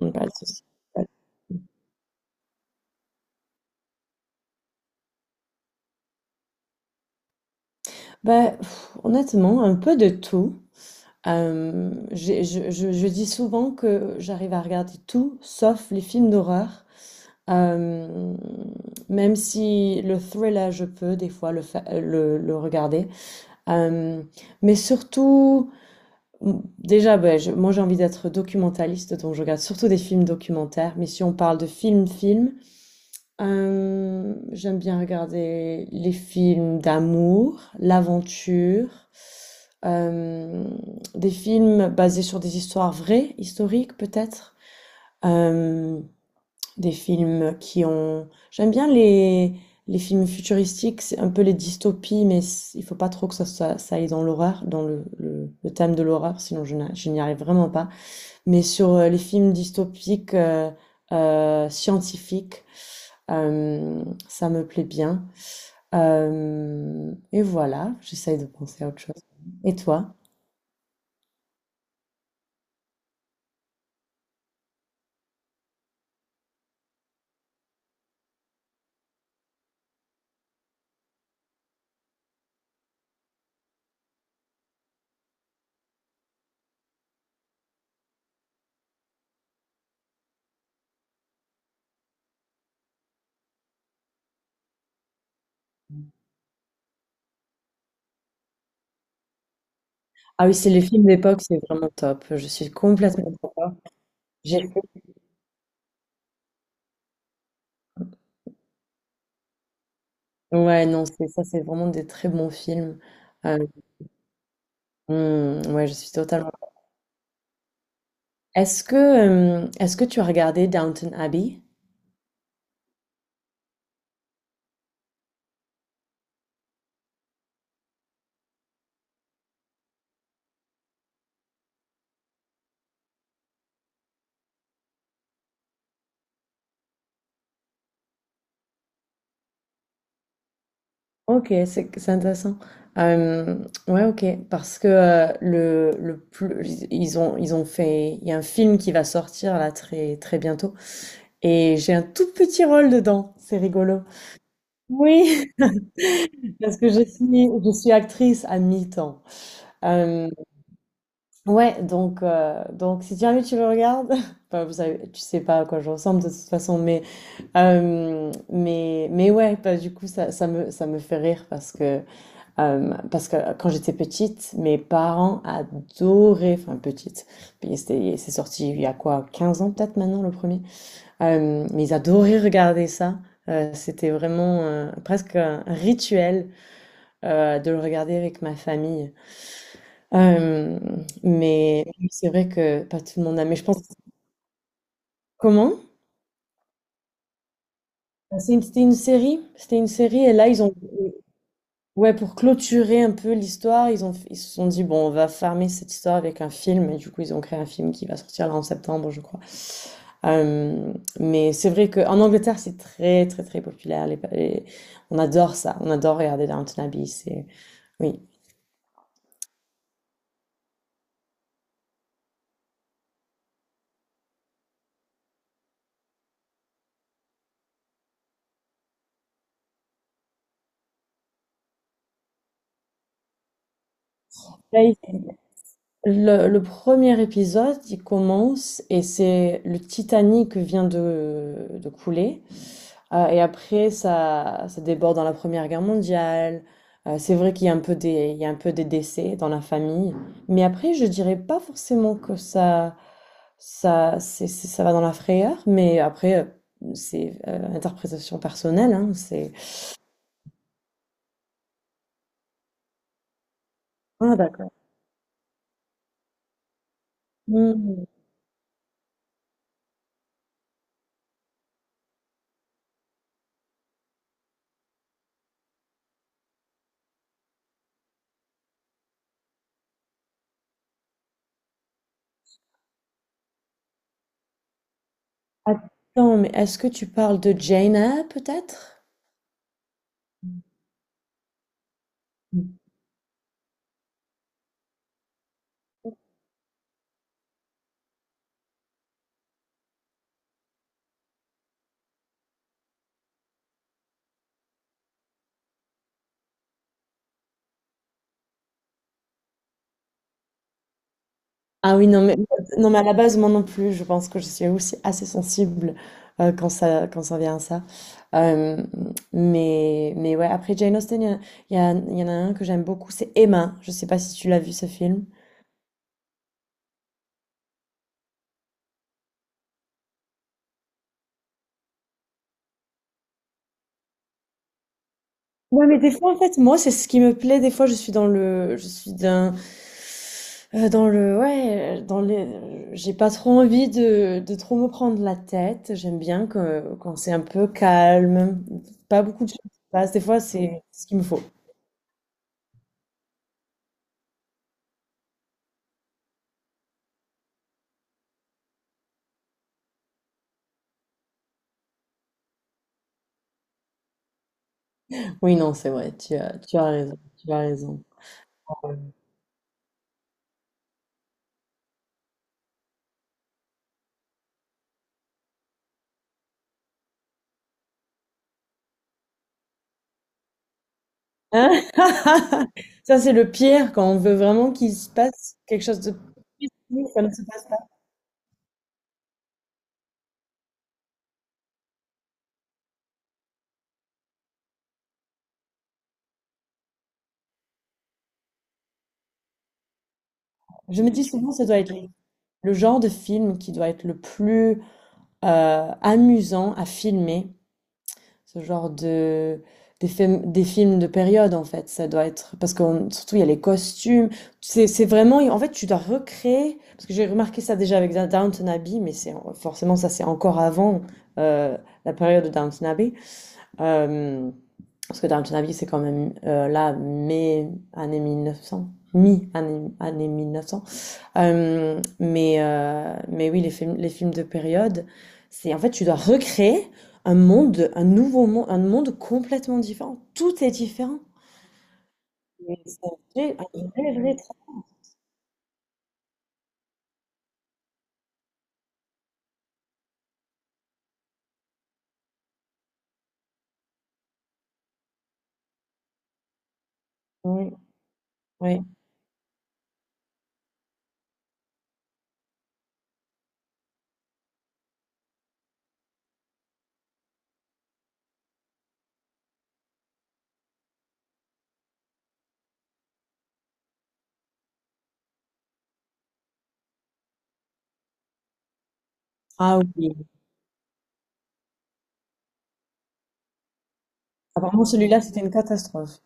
Mmh, pas de souci. Pas de- Bah, honnêtement, un peu de tout. Je dis souvent que j'arrive à regarder tout, sauf les films d'horreur. Euh, Même si le thriller, je peux des fois le regarder. Euh, mais surtout, déjà, ben, moi j'ai envie d'être documentaliste, donc je regarde surtout des films documentaires. Mais si on parle de film-film. J'aime bien regarder les films d'amour, l'aventure, euh, des films basés sur des histoires vraies, historiques peut-être, euh, des films qui ont... J'aime bien les films futuristiques, c'est un peu les dystopies, mais il faut pas trop que ça aille dans l'horreur, dans le thème de l'horreur, sinon je n'y arrive vraiment pas. Mais sur les films dystopiques scientifiques. Ça me plaît bien. Hem Et voilà, j'essaye de penser à autre chose. Et toi? Ah oui, c'est les films d'époque, c'est vraiment top. Je suis complètement d'accord. J'ai fait Ouais, non, c'est ça, c'est vraiment des très bons films. Heu, mmh, ouais, je suis totalement. Est-ce que tu as regardé Downton Abbey? Ok, c'est intéressant. Euh, ouais, ok, parce que le plus, ils ont fait, il y a un film qui va sortir là très très bientôt et j'ai un tout petit rôle dedans, c'est rigolo. Oui, parce que je suis actrice à mi-temps. Euh, ouais, donc si jamais tu le regardes, bah, vous savez, tu sais pas à quoi je ressemble de toute façon, mais mais ouais, bah, du coup ça me fait rire parce que quand j'étais petite, mes parents adoraient, enfin petite, c'est sorti il y a quoi, 15 ans peut-être maintenant le premier. Mais ils adoraient regarder ça. C'était vraiment presque un rituel de le regarder avec ma famille. Euh, mais c'est vrai que pas tout le monde a, mais je pense. Comment? C'était une série et là ils ont... Ouais, pour clôturer un peu l'histoire, ils se sont dit, bon, on va farmer cette histoire avec un film, et du coup, ils ont créé un film qui va sortir là en septembre, je crois. Euh, mais c'est vrai qu'en Angleterre, c'est très, très, très populaire. On adore ça, on adore regarder Downton Abbey, c'est, oui. Là, le premier épisode, il commence, et c'est le Titanic vient de couler. Et après, ça déborde dans la Première Guerre mondiale. C'est vrai qu'il y a un peu des, il y a un peu des décès dans la famille. Mais après, je dirais pas forcément que ça, ça va dans la frayeur. Mais après, c'est interprétation personnelle. Hein, c'est... Ah, d'accord. Hmm. Attends, mais est-ce que tu parles de Jaina, peut-être? Ah oui, non mais, à la base, moi non plus, je pense que je suis aussi assez sensible quand ça vient à ça. Euh, mais ouais, après Jane Austen, il y en a un que j'aime beaucoup, c'est Emma. Je sais pas si tu l'as vu ce film. Ouais, mais des fois, en fait, moi, c'est ce qui me plaît. Des fois, ouais, j'ai pas trop envie de trop me prendre la tête. J'aime bien que, quand c'est un peu calme, pas beaucoup de choses qui se passent. Des fois, c'est ce qu'il me faut. Oui, non, c'est vrai, tu as raison, tu as raison. Hein, ça, c'est le pire quand on veut vraiment qu'il se passe quelque chose de positif, ça ne se passe pas. Je me dis souvent, ça doit être le genre de film qui doit être le plus amusant à filmer. Ce genre de des films de période en fait ça doit être parce que surtout il y a les costumes, c'est vraiment en fait tu dois recréer parce que j'ai remarqué ça déjà avec Downton Abbey, mais c'est forcément ça c'est encore avant euh, la période de Downton Abbey. Euh, Parce que Downton Abbey c'est quand même là mai année 1900, année 1900, mais oui, les films de période, c'est en fait, tu dois recréer un monde, un nouveau monde, un monde complètement différent. Tout est différent. Mais ça fait un vrai, vrai travail. Oui. Ah oui. Apparemment, celui-là, c'était une catastrophe.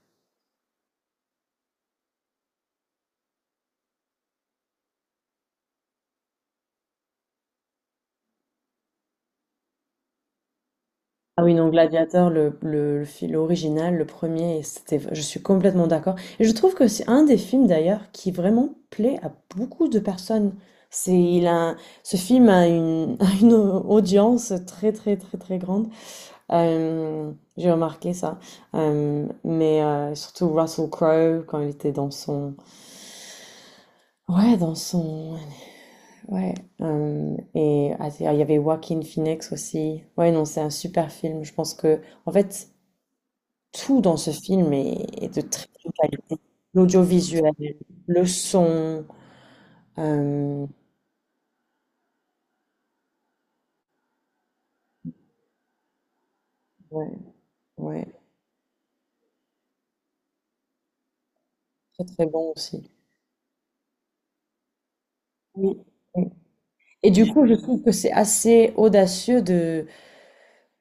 Ah oui, non, Gladiator, le film original, le premier, c'était, je suis complètement d'accord. Et je trouve que c'est un des films d'ailleurs qui vraiment plaît à beaucoup de personnes. C'est, il a, Ce film a une, a une audience très très très très grande. Euh, j'ai remarqué ça. Surtout Russell Crowe quand il était dans son, ouais, dans son. Ouais, et ah, il y avait Joaquin Phoenix aussi. Ouais, non, c'est un super film. Je pense que, en fait, tout dans ce film est, de très bonne qualité. L'audiovisuel, le son, euh, ouais, ouais, très très bon aussi. Et du coup, je trouve que c'est assez audacieux de,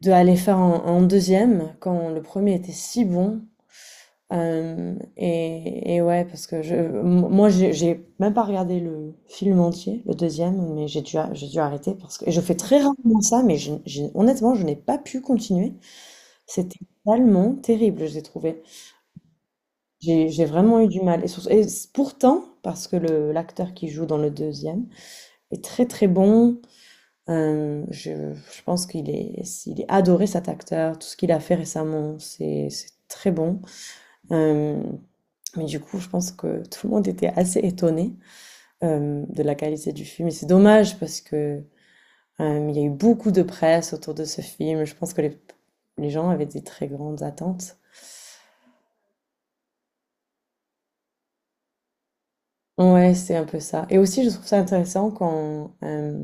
de aller faire un deuxième quand le premier était si bon. Et ouais, parce que moi, j'ai même pas regardé le film entier, le deuxième, mais j'ai dû arrêter parce que et je fais très rarement ça, mais honnêtement, je n'ai pas pu continuer. C'était tellement terrible, je l'ai trouvé. J'ai vraiment eu du mal. Et, pourtant, parce que le l'acteur qui joue dans le deuxième est très très bon. Je pense il est adoré cet acteur. Tout ce qu'il a fait récemment, c'est très bon. Euh, Mais du coup, je pense que tout le monde était assez étonné de la qualité du film. Et c'est dommage parce que il y a eu beaucoup de presse autour de ce film. Je pense que les gens avaient des très grandes attentes. Ouais, c'est un peu ça. Et aussi, je trouve ça intéressant quand euh,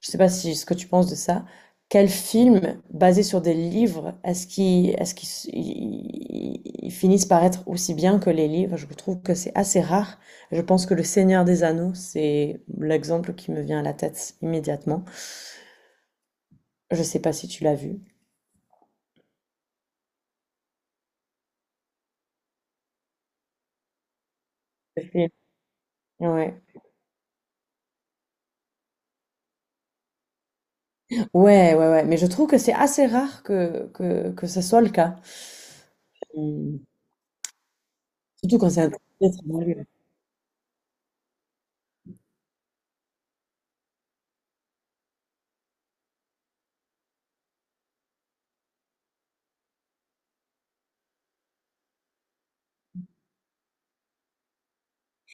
Je sais pas si ce que tu penses de ça. Quel film basé sur des livres est-ce qu'ils ils finissent par être aussi bien que les livres? Je trouve que c'est assez rare. Je pense que Le Seigneur des Anneaux, c'est l'exemple qui me vient à la tête immédiatement. Je sais pas si tu l'as vu. Le film. Ouais. Ouais, ouais, ouais. Mais je trouve que c'est assez rare que, ce soit le cas. Hum. Surtout quand c'est un très très bon livre.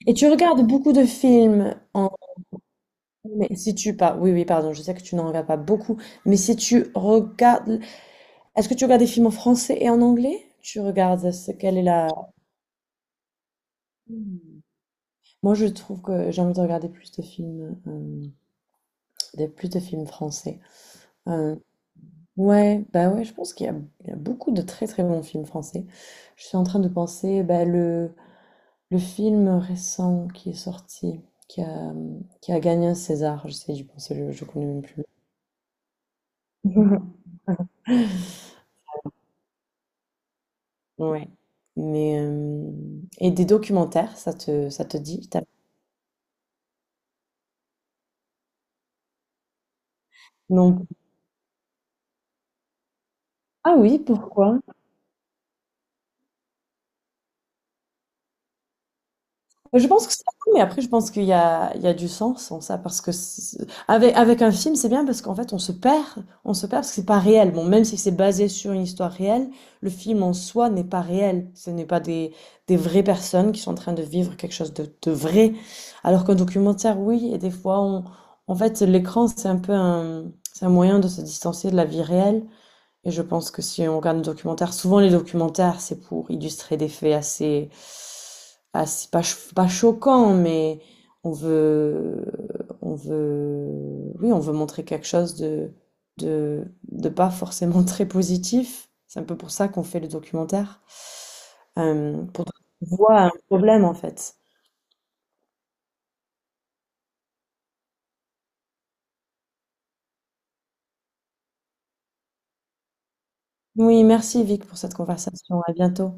Et tu regardes beaucoup de films. Mais si tu pas, oui, oui, pardon, je sais que tu n'en regardes pas beaucoup, mais si tu regardes, est-ce que tu regardes des films en français et en anglais? Tu regardes ce quelle est la. Hmm. Moi, je trouve que j'ai envie de regarder plus de films, des plus de films français. Euh, ouais, bah ouais, je pense il y a beaucoup de très très bons films français. Je suis en train de penser, bah, le film récent qui est sorti, qui a qui a gagné un César, j'essaie d'y penser, je connais même plus. Ouais. Mais euh, et des documentaires, ça te dit? Non. Ah oui, pourquoi? Je pense que c'est cool, mais après je pense qu'il y a du sens en ça parce que avec un film, c'est bien parce qu'en fait on se perd parce que c'est pas réel. Bon, même si c'est basé sur une histoire réelle, le film en soi n'est pas réel. Ce n'est pas des vraies personnes qui sont en train de vivre quelque chose de vrai. Alors qu'un documentaire, oui, et des fois on en fait l'écran, c'est un peu un c'est un moyen de se distancer de la vie réelle. Et je pense que si on regarde un documentaire, souvent les documentaires, c'est pour illustrer des faits assez, pas choquants, mais on veut, oui, on veut montrer quelque chose de, de pas forcément très positif. C'est un peu pour ça qu'on fait le documentaire, pour donner voix à un problème en fait. Oui, merci Vic pour cette conversation. À bientôt.